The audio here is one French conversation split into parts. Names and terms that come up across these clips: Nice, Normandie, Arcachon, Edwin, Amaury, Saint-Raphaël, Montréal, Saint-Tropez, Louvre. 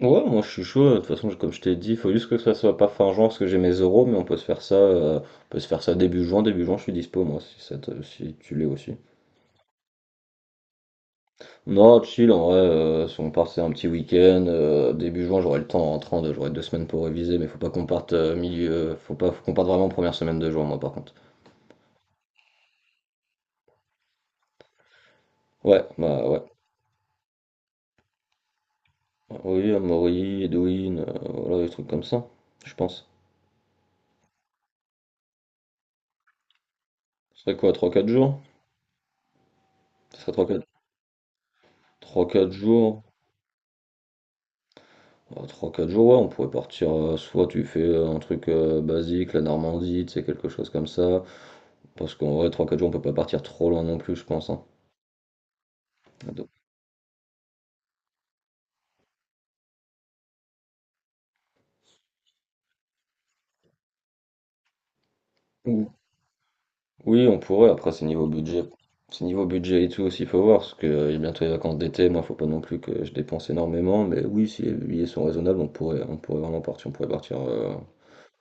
Ouais, moi je suis chaud. De toute façon, comme je t'ai dit, il faut juste que ça soit pas fin juin parce que j'ai mes euros, mais on peut se faire ça, on peut se faire ça début juin. Début juin, je suis dispo moi, si, si tu l'es aussi. Non, chill, en vrai. Si on part, c'est un petit week-end, début juin, j'aurai le temps en rentrant, j'aurai 2 semaines pour réviser, mais faut pas qu'on parte milieu, faut pas, faut qu'on parte vraiment première semaine de juin, moi par contre. Ouais, bah ouais. Oui, Amaury, Edwin, voilà, des trucs comme ça, je pense. Ce serait quoi, trois quatre jours? Ce serait 3-4 3 jours. Bah, 3-4 jours, ouais, on pourrait partir, soit tu fais un truc basique, la Normandie, tu sais, quelque chose comme ça. Parce qu'en vrai, trois quatre jours, on peut pas partir trop loin non plus, je pense, hein. Donc, ou- oui, on pourrait. Après, c'est niveau budget. C'est niveau budget et tout aussi, faut voir, parce que il y a bientôt les vacances d'été. Moi, faut pas non plus que je dépense énormément. Mais oui, si les billets sont raisonnables, on pourrait vraiment partir, on pourrait partir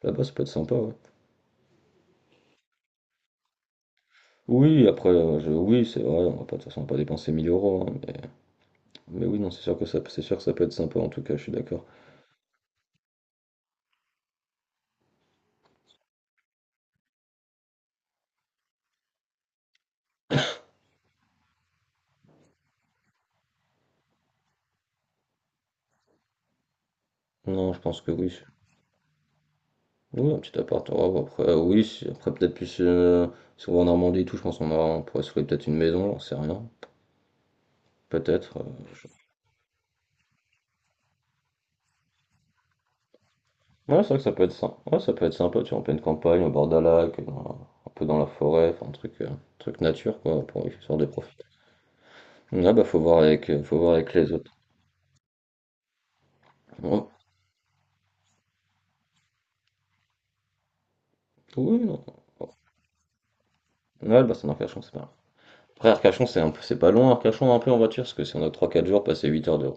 là-bas. Ça peut être sympa, ouais. Oui, après, oui, c'est vrai, on va pas, de toute façon, on va pas dépenser 1 000 euros, hein. Mais oui, non, c'est sûr que c'est sûr que ça peut être sympa. En tout cas, je suis d'accord. Non, je pense que oui. Oui, un petit appart en robe. Après, oui, après peut-être plus si on va en Normandie et tout, je pense on pourrait se louer peut-être une maison, j'en sais rien. Peut-être. Je- Ouais, c'est vrai que ça peut être sympa. Ouais, ça peut être sympa, tu vois, en pleine campagne, au bord d'un lac, dans un peu dans la forêt, enfin un truc, truc nature, quoi, pour histoire de profiter. Ouais, bah faut voir avec les autres. Ouais. Oui, non. Ouais, bah c'est dans Arcachon, c'est pas grave. Après, Arcachon, c'est un peu, c'est pas loin, Arcachon, un peu en voiture, parce que si on a 3, 4 jours, passer 8 heures de...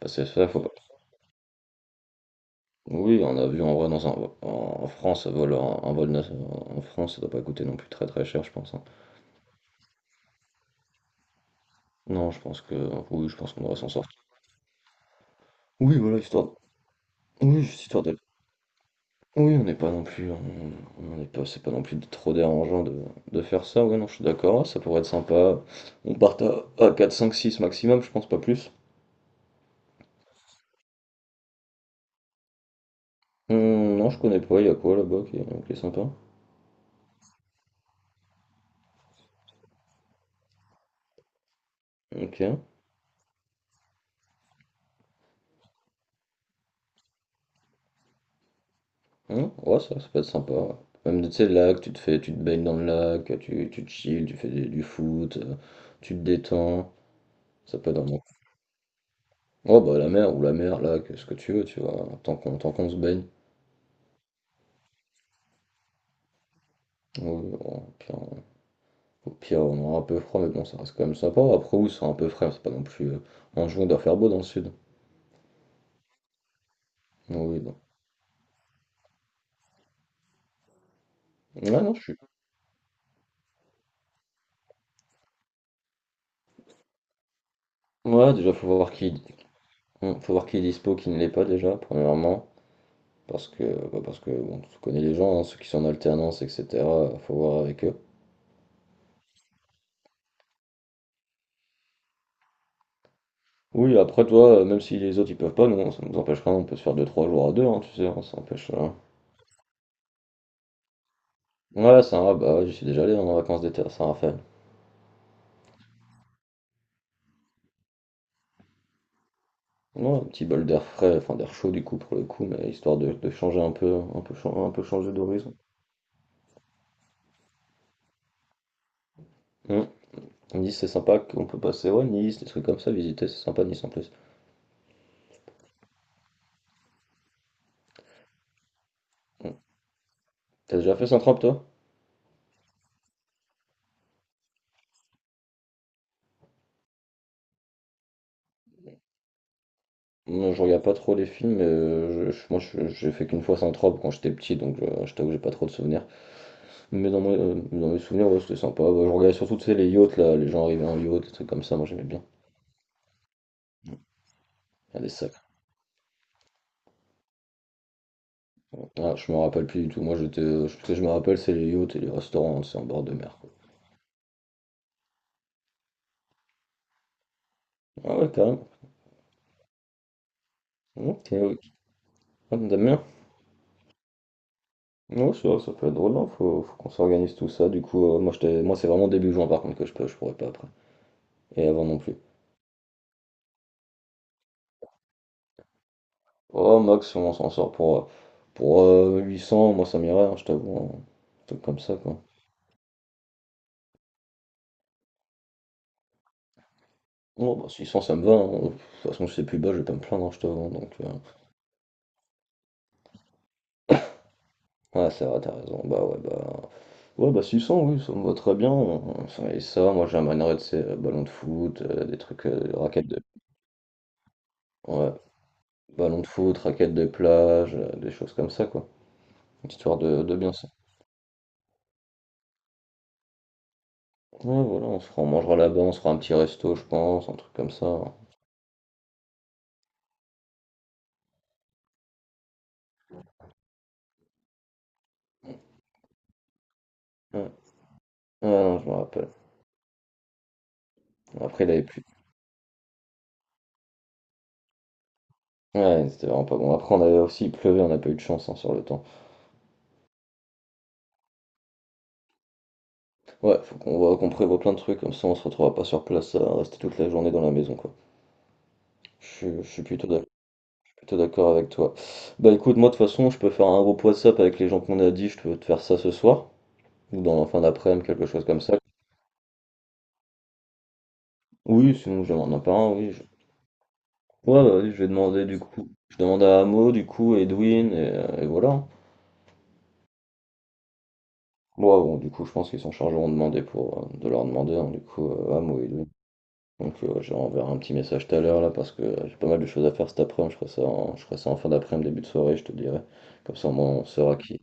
Passer ça, faut Oui, un avion en vrai dans en France, un vol, en France, ça doit pas coûter non plus très très cher, je pense, hein. Non, je pense que oui, je pense qu'on devrait s'en sortir. Oui, voilà, histoire. Oui, juste histoire de. Oui, on n'est pas non plus, on n'est pas, c'est pas non plus trop dérangeant de faire ça. Oui, non, je suis d'accord, ça pourrait être sympa. On part à 4, 5, 6 maximum, je pense pas plus. Non, je connais pas. Il y a quoi là-bas qui est sympa. Ok. Mmh. Ouais, ça peut être sympa, ouais. Même, tu sais, le lac, tu te baignes dans le lac, tu te chill, tu du foot, tu te détends. Ça peut être vraiment cool. Oh, bah, la mer ou la mer, lac, ce que tu veux, tu vois, tant qu'on se baigne. Ouais, ouais, au pire, au pire, on aura un peu froid, mais bon, ça reste quand même sympa. Après, oui, c'est un peu frais, c'est pas non plus. En juin, on doit faire beau dans le sud. Ouais, oui, non. Ouais, non, je suis. Ouais, déjà, faut voir qui. Faut voir qui est dispo, qui ne l'est pas déjà, premièrement. Parce que, bah, parce que bon, tu connais les gens, hein, ceux qui sont en alternance, etc. Faut voir avec eux. Oui, après toi, même si les autres ils peuvent pas, nous, ça nous empêche rien, on peut se faire 2 3 jours à deux, hein, tu sais, hein, ça empêche rien. Ouais, c'est un bah, ouais, j'y suis déjà allé hein, en vacances d'été à Saint-Raphaël. Ouais, un petit bol d'air frais, enfin d'air chaud du coup pour le coup, mais histoire de changer un peu, un peu changer d'horizon. Hum. Nice, c'est sympa qu'on peut passer, ouais, Nice, des trucs comme ça, visiter, c'est sympa Nice en plus. Hum. T'as déjà fait Saint-Tropez toi? Moi, je regarde pas trop les films, mais j'ai fait qu'une fois Saint-Tropez quand j'étais petit, donc je t'avoue que j'ai pas trop de souvenirs. Mais dans mes souvenirs, ouais, c'était sympa. Ouais, je regardais surtout tu sais, les yachts, là, les gens arrivaient en yacht, des trucs comme ça, moi j'aimais bien. Il y a des sacres. Ah, je me rappelle plus du tout, moi j'étais. Je, ce que je me rappelle, c'est les yachts et les restaurants, hein, c'est en bord de mer, quoi. Ah ouais, carrément. Ok, ok. Ah, t'aimes bien? Ouais, c'est vrai, ça peut être drôle, non? Faut, faut qu'on s'organise tout ça. Du coup, moi, moi c'est vraiment début juin par contre que je peux, je pourrais pas après. Et avant non plus. Oh, max, on s'en sort pour 800, moi ça m'irait, hein, je t'avoue, hein. Un truc comme ça, quoi. Bon, bah, 600, ça me va, hein. De toute façon, si c'est plus bas, je vais pas me plaindre, hein, je t'avoue, hein. Donc, ouais, c'est vrai, t'as raison. Ouais, bah 600, oui, ça me va très bien, hein. Moi j'emmènerais, tu sais, ballon de foot, des trucs, raquettes de. Ouais, ballon de foot, raquettes de plage, des choses comme ça, quoi. Histoire de bien ça. Ouais, voilà, on se fera, on mangera là-bas, on se fera un petit resto, je pense, un truc comme ça, hein. Ouais, ouais, non, je me rappelle. Après, il avait plus. Ouais, c'était vraiment pas bon. Après, on avait aussi, il pleuvait, on n'a pas eu de chance hein, sur le temps. Ouais, faut qu'on voit, qu'on prévoit plein de trucs, comme ça on se retrouvera pas sur place à rester toute la journée dans la maison, quoi. Je suis plutôt d'accord avec toi. Bah écoute, moi de toute façon, je peux faire un groupe WhatsApp avec les gens qu'on a dit, je peux te faire ça ce soir, ou dans la fin d'après-midi, quelque chose comme ça. Oui, sinon je demande un par un, oui. Je... Ouais, bah, oui, je vais demander du coup. Je demande à Amo, du coup, Edwin, et voilà. Moi, bon, du coup, je pense qu'ils sont chargés de demander pour de leur demander, hein, du coup, Amo et Edwin. Donc ouais, je leur enverrai un petit message tout à l'heure là parce que j'ai pas mal de choses à faire cet après-midi. Je ferai ça en fin d'après-midi, début de soirée, je te dirai. Comme ça, au moins,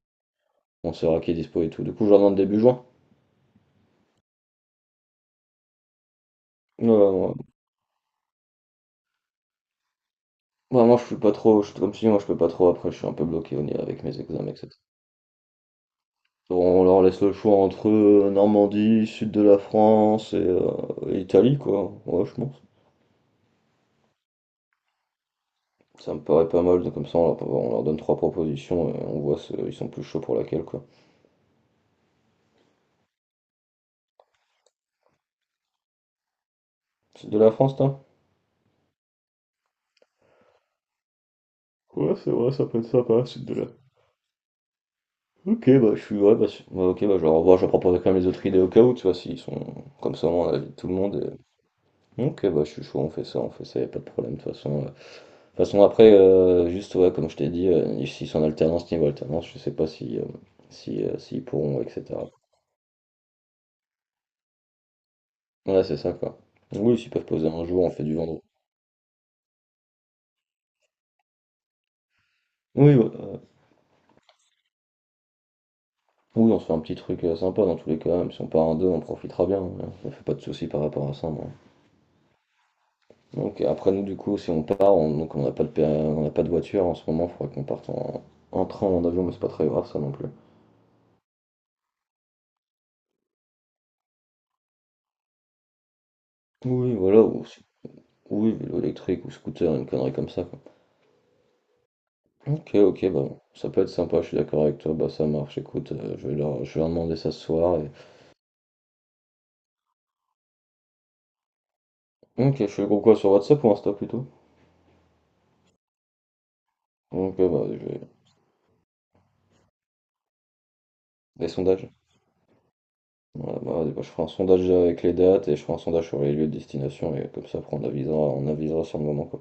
on saura qui est dispo et tout. Du coup, je leur demande début juin. Ouais, ouais. Ouais, bah, moi, je suis pas trop, comme si moi, je peux pas trop. Après, je suis un peu bloqué au niveau avec mes examens, etc. Donc, on leur laisse le choix entre Normandie, sud de la France et Italie, quoi. Ouais, je pense. Ça me paraît pas mal. Donc, comme ça, on leur donne trois propositions et on voit ils sont plus chauds pour laquelle, quoi. Sud de la France, toi? Ouais, c'est vrai, ça peut être sympa, sud de la Ok, bah, je suis. Ouais, bah, ok, bah, je leur envoie, je vais proposer quand même les autres idées au cas où, tu vois, s'ils sont. Comme ça, on a l'avis de tout le monde. Ok, bah, je suis chaud, on fait ça, y a pas de problème, de toute façon. De toute façon, après, juste, ouais, comme je t'ai dit, s'ils sont en alternance, niveau alternance, je sais pas si, si, s'ils pourront, etc. Ouais, c'est ça, quoi. Oui, s'ils peuvent poser un jour, on fait du vendredi. Oui, ouais, oui, on se fait un petit truc sympa dans tous les cas, même si on part en deux, on profitera bien, hein. Je me fais pas de soucis par rapport à ça, moi. Donc après nous du coup si on part, donc on n'a pas de voiture en ce moment, il faudrait qu'on parte en train ou en avion, mais c'est pas très grave ça non plus. Oui voilà, ou, si- oui, vélo électrique ou scooter, une connerie comme ça quoi. Ok ok bah ça peut être sympa, je suis d'accord avec toi, bah ça marche, écoute, je vais leur demander ça ce soir et. Ok, je fais le groupe quoi sur WhatsApp ou Insta plutôt? Ok bah je vais. Des sondages. Voilà, bah, vas-y, bah, je ferai un sondage déjà avec les dates et je ferai un sondage sur les lieux de destination et comme ça après on avisera sur le moment quoi.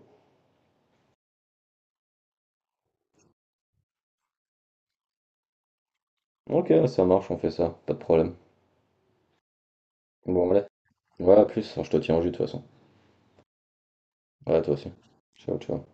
Ok, ça marche, on fait ça, pas de problème. Bon allez. Ouais, à plus. Enfin, je te tiens au jus de toute façon. Ouais, toi aussi. Ciao, ciao.